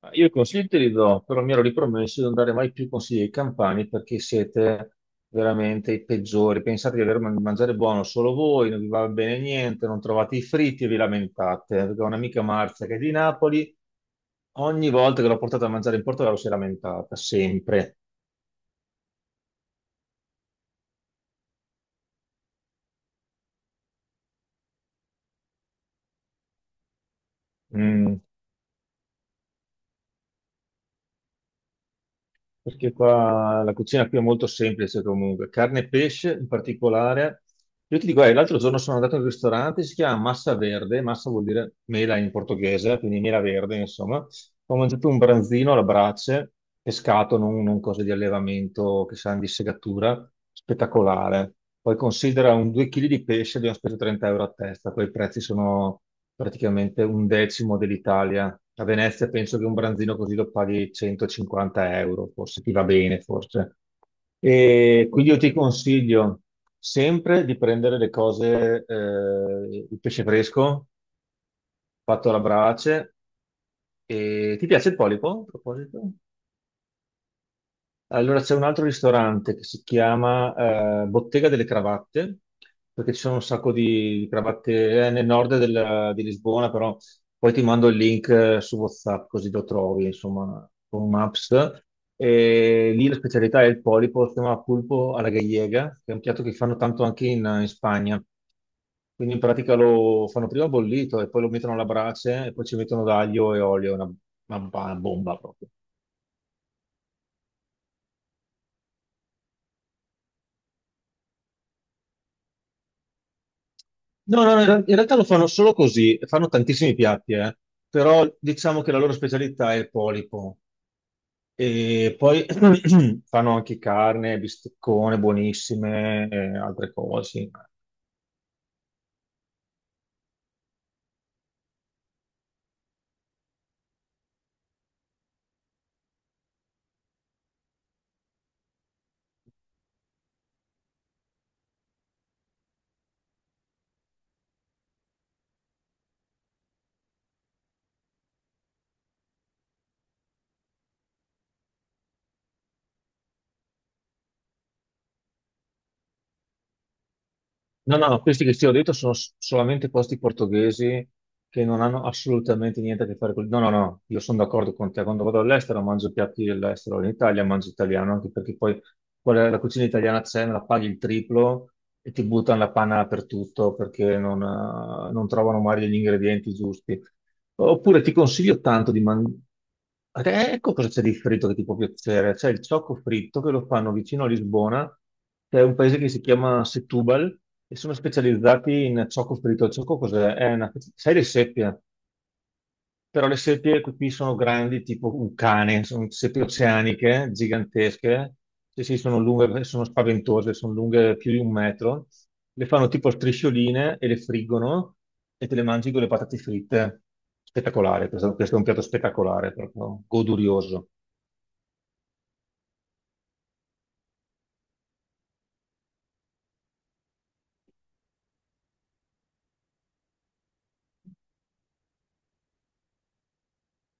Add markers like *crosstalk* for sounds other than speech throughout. Ma io i consigli te li do, però mi ero ripromesso di non dare mai più consigli ai campani perché siete veramente i peggiori. Pensate di aver mangiare buono solo voi, non vi va bene niente, non trovate i fritti e vi lamentate. Perché ho un'amica Marzia che è di Napoli, ogni volta che l'ho portata a mangiare in Portogallo si è lamentata, sempre. Mm. Perché qua la cucina qui è molto semplice comunque, carne e pesce in particolare. Io ti dico, l'altro giorno sono andato in un ristorante, si chiama Massa Verde, massa vuol dire mela in portoghese, quindi mela verde, insomma. Ho mangiato un branzino alla brace, pescato, non cose di allevamento che sanno di segatura, spettacolare. Poi considera un 2 kg di pesce, abbiamo speso 30 euro a testa, quei prezzi sono praticamente un decimo dell'Italia. A Venezia penso che un branzino così lo paghi 150 euro, forse ti va bene, forse. E quindi io ti consiglio sempre di prendere le cose, il pesce fresco fatto alla brace. E ti piace il polipo, a proposito? Allora c'è un altro ristorante che si chiama Bottega delle Cravatte, perché ci sono un sacco di cravatte nel nord di Lisbona, però poi ti mando il link su WhatsApp così lo trovi, insomma, con Maps. E lì la specialità è il polipo, si chiama pulpo alla gallega, che è un piatto che fanno tanto anche in Spagna. Quindi in pratica lo fanno prima bollito e poi lo mettono alla brace e poi ci mettono d'aglio e olio, è una bomba proprio. No, no, no, in realtà lo fanno solo così, fanno tantissimi piatti, eh. Però diciamo che la loro specialità è il polipo. E poi *clears throat* fanno anche carne, bisteccone, buonissime, e altre cose. No, no, questi che ti ho detto sono solamente posti portoghesi che non hanno assolutamente niente a che fare con... No, no, no, io sono d'accordo con te. Quando vado all'estero mangio piatti dell'estero, in Italia mangio italiano, anche perché poi la cucina italiana c'è, me la paghi il triplo e ti buttano la panna dappertutto perché non trovano mai gli ingredienti giusti. Oppure ti consiglio tanto di mangiare. Ecco cosa c'è di fritto che ti può piacere. C'è il ciocco fritto che lo fanno vicino a Lisbona, che è un paese che si chiama Setúbal, e sono specializzati in ciocco fritto. Il ciocco cos'è? È una... Sai le seppie? Però le seppie qui sono grandi, tipo un cane, sono seppie oceaniche, gigantesche. Sì, sì, sono lunghe, sono spaventose, sono lunghe più di un metro. Le fanno tipo a striscioline e le friggono e te le mangi con le patate fritte. Spettacolare, questo è un piatto spettacolare, proprio godurioso.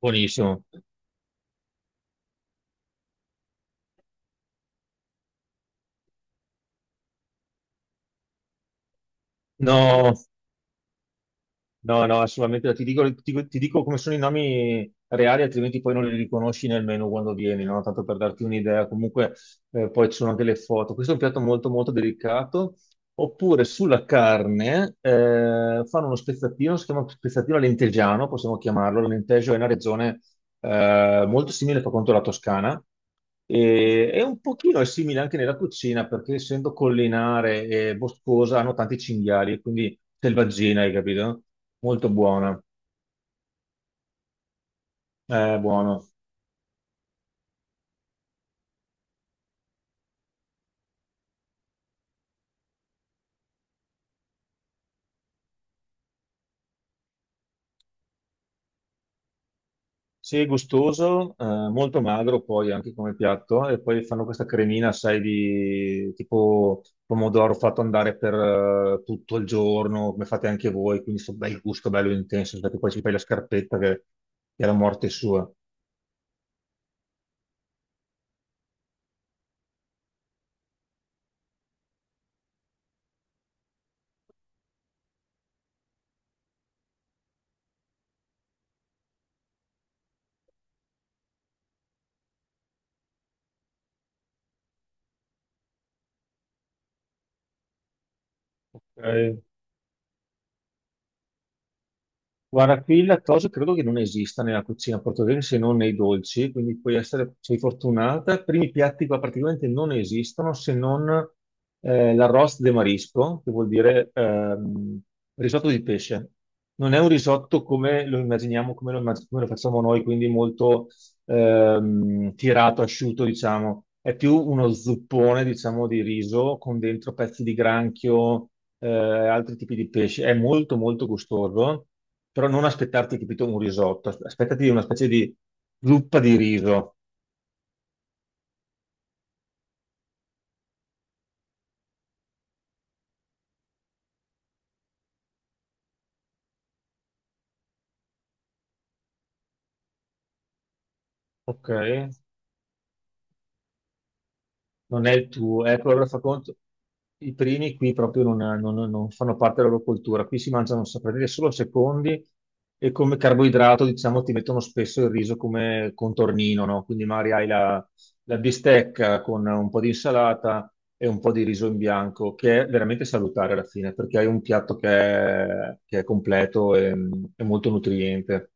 Buonissimo. No, no, no, assolutamente. Ti dico come sono i nomi reali, altrimenti poi non li riconosci nemmeno quando vieni, no? Tanto per darti un'idea. Comunque, poi ci sono anche le foto. Questo è un piatto molto, molto delicato. Oppure sulla carne, fanno uno spezzatino, si chiama spezzatino alentegiano, possiamo chiamarlo. L'Alentejo è una regione molto simile per quanto alla Toscana, e un pochino è simile anche nella cucina perché essendo collinare e boscosa hanno tanti cinghiali, quindi selvaggina, hai capito? Molto buona, buono. Sì, gustoso, molto magro poi anche come piatto. E poi fanno questa cremina, sai, di tipo pomodoro fatto andare per tutto il giorno, come fate anche voi, quindi sto bel gusto, bello intenso, perché poi ci fai la scarpetta che è la morte sua. Ok. Guarda, qui il lattosio credo che non esista nella cucina portoghese se non nei dolci, quindi puoi essere, sei fortunata. Primi piatti qua praticamente non esistono se non l'arroz de marisco, che vuol dire risotto di pesce. Non è un risotto come lo immaginiamo, come lo facciamo noi, quindi molto tirato, asciutto, diciamo. È più uno zuppone, diciamo, di riso con dentro pezzi di granchio, altri tipi di pesce. È molto, molto gustoso, però non aspettarti, capito, un risotto, aspettati una specie di zuppa di riso. Ok, non è il tuo. Ecco, allora fa conto, i primi qui proprio non fanno parte della loro cultura. Qui si mangiano, saprei dire, solo secondi e come carboidrato, diciamo, ti mettono spesso il riso come contornino, no? Quindi magari hai la bistecca con un po' di insalata e un po' di riso in bianco, che è veramente salutare alla fine, perché hai un piatto che è completo e molto nutriente.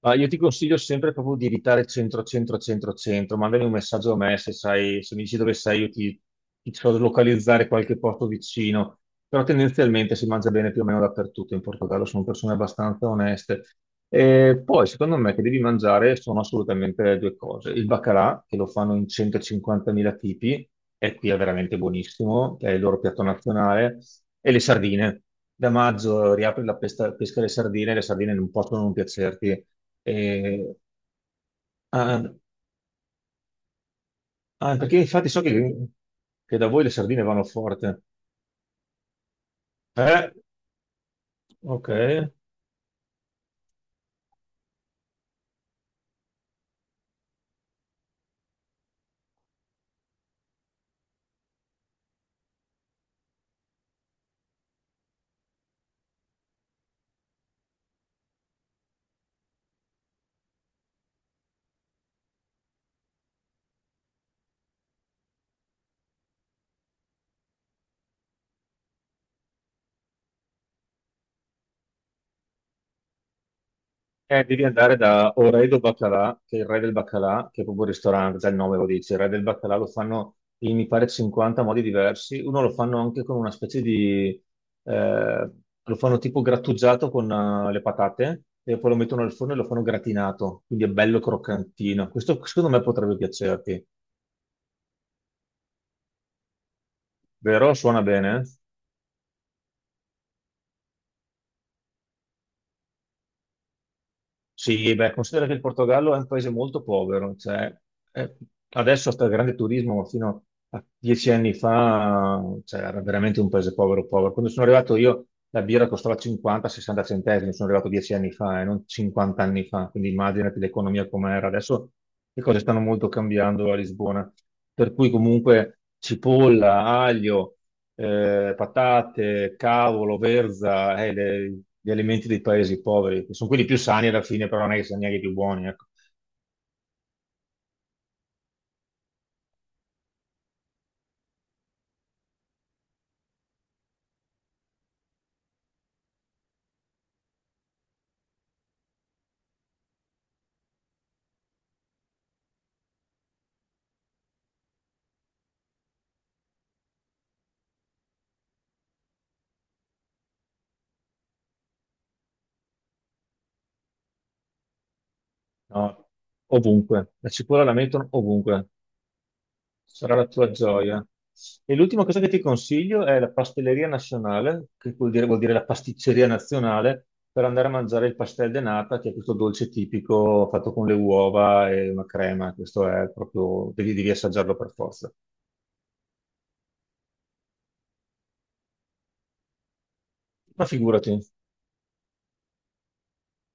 Ma io ti consiglio sempre proprio di evitare centro, centro, centro, centro. Mandami un messaggio a me, se sai, se mi dici dove sei, io ti so localizzare qualche posto vicino, però tendenzialmente si mangia bene più o meno dappertutto in Portogallo, sono persone abbastanza oneste. E poi, secondo me, che devi mangiare sono assolutamente due cose. Il baccalà, che lo fanno in 150.000 tipi, e qui è veramente buonissimo, è il loro piatto nazionale, e le sardine. Da maggio riapre la pesca, pesca alle sardine, le sardine non possono non piacerti. E- ah, ah, perché infatti so che da voi le sardine vanno forte. Eh, ok. Devi andare da Oredo Baccalà, che è il re del baccalà, che è proprio il ristorante, già il nome lo dice, il re del baccalà lo fanno in mi pare 50 modi diversi. Uno lo fanno anche con una specie di, eh, lo fanno tipo grattugiato con le patate e poi lo mettono al forno e lo fanno gratinato, quindi è bello croccantino. Questo secondo me potrebbe piacerti, vero? Suona bene? Sì, beh, considera che il Portogallo è un paese molto povero, cioè, eh, adesso sta il grande turismo, ma fino a 10 anni fa, cioè, era veramente un paese povero, povero. Quando sono arrivato io, la birra costava 50-60 centesimi, sono arrivato 10 anni fa e non 50 anni fa, quindi immaginati l'economia com'era. Adesso le cose stanno molto cambiando a Lisbona, per cui comunque cipolla, aglio, patate, cavolo, verza, gli alimenti dei paesi poveri, che sono quelli più sani alla fine, però non è che siano neanche i più buoni, ecco. No, ovunque. La cipolla la mettono ovunque. Sarà la tua gioia. E l'ultima cosa che ti consiglio è la pastelleria nazionale, che vuol dire la pasticceria nazionale, per andare a mangiare il pastel de nata, che è questo dolce tipico fatto con le uova e una crema. Questo è proprio, devi, devi assaggiarlo per forza. Ma figurati.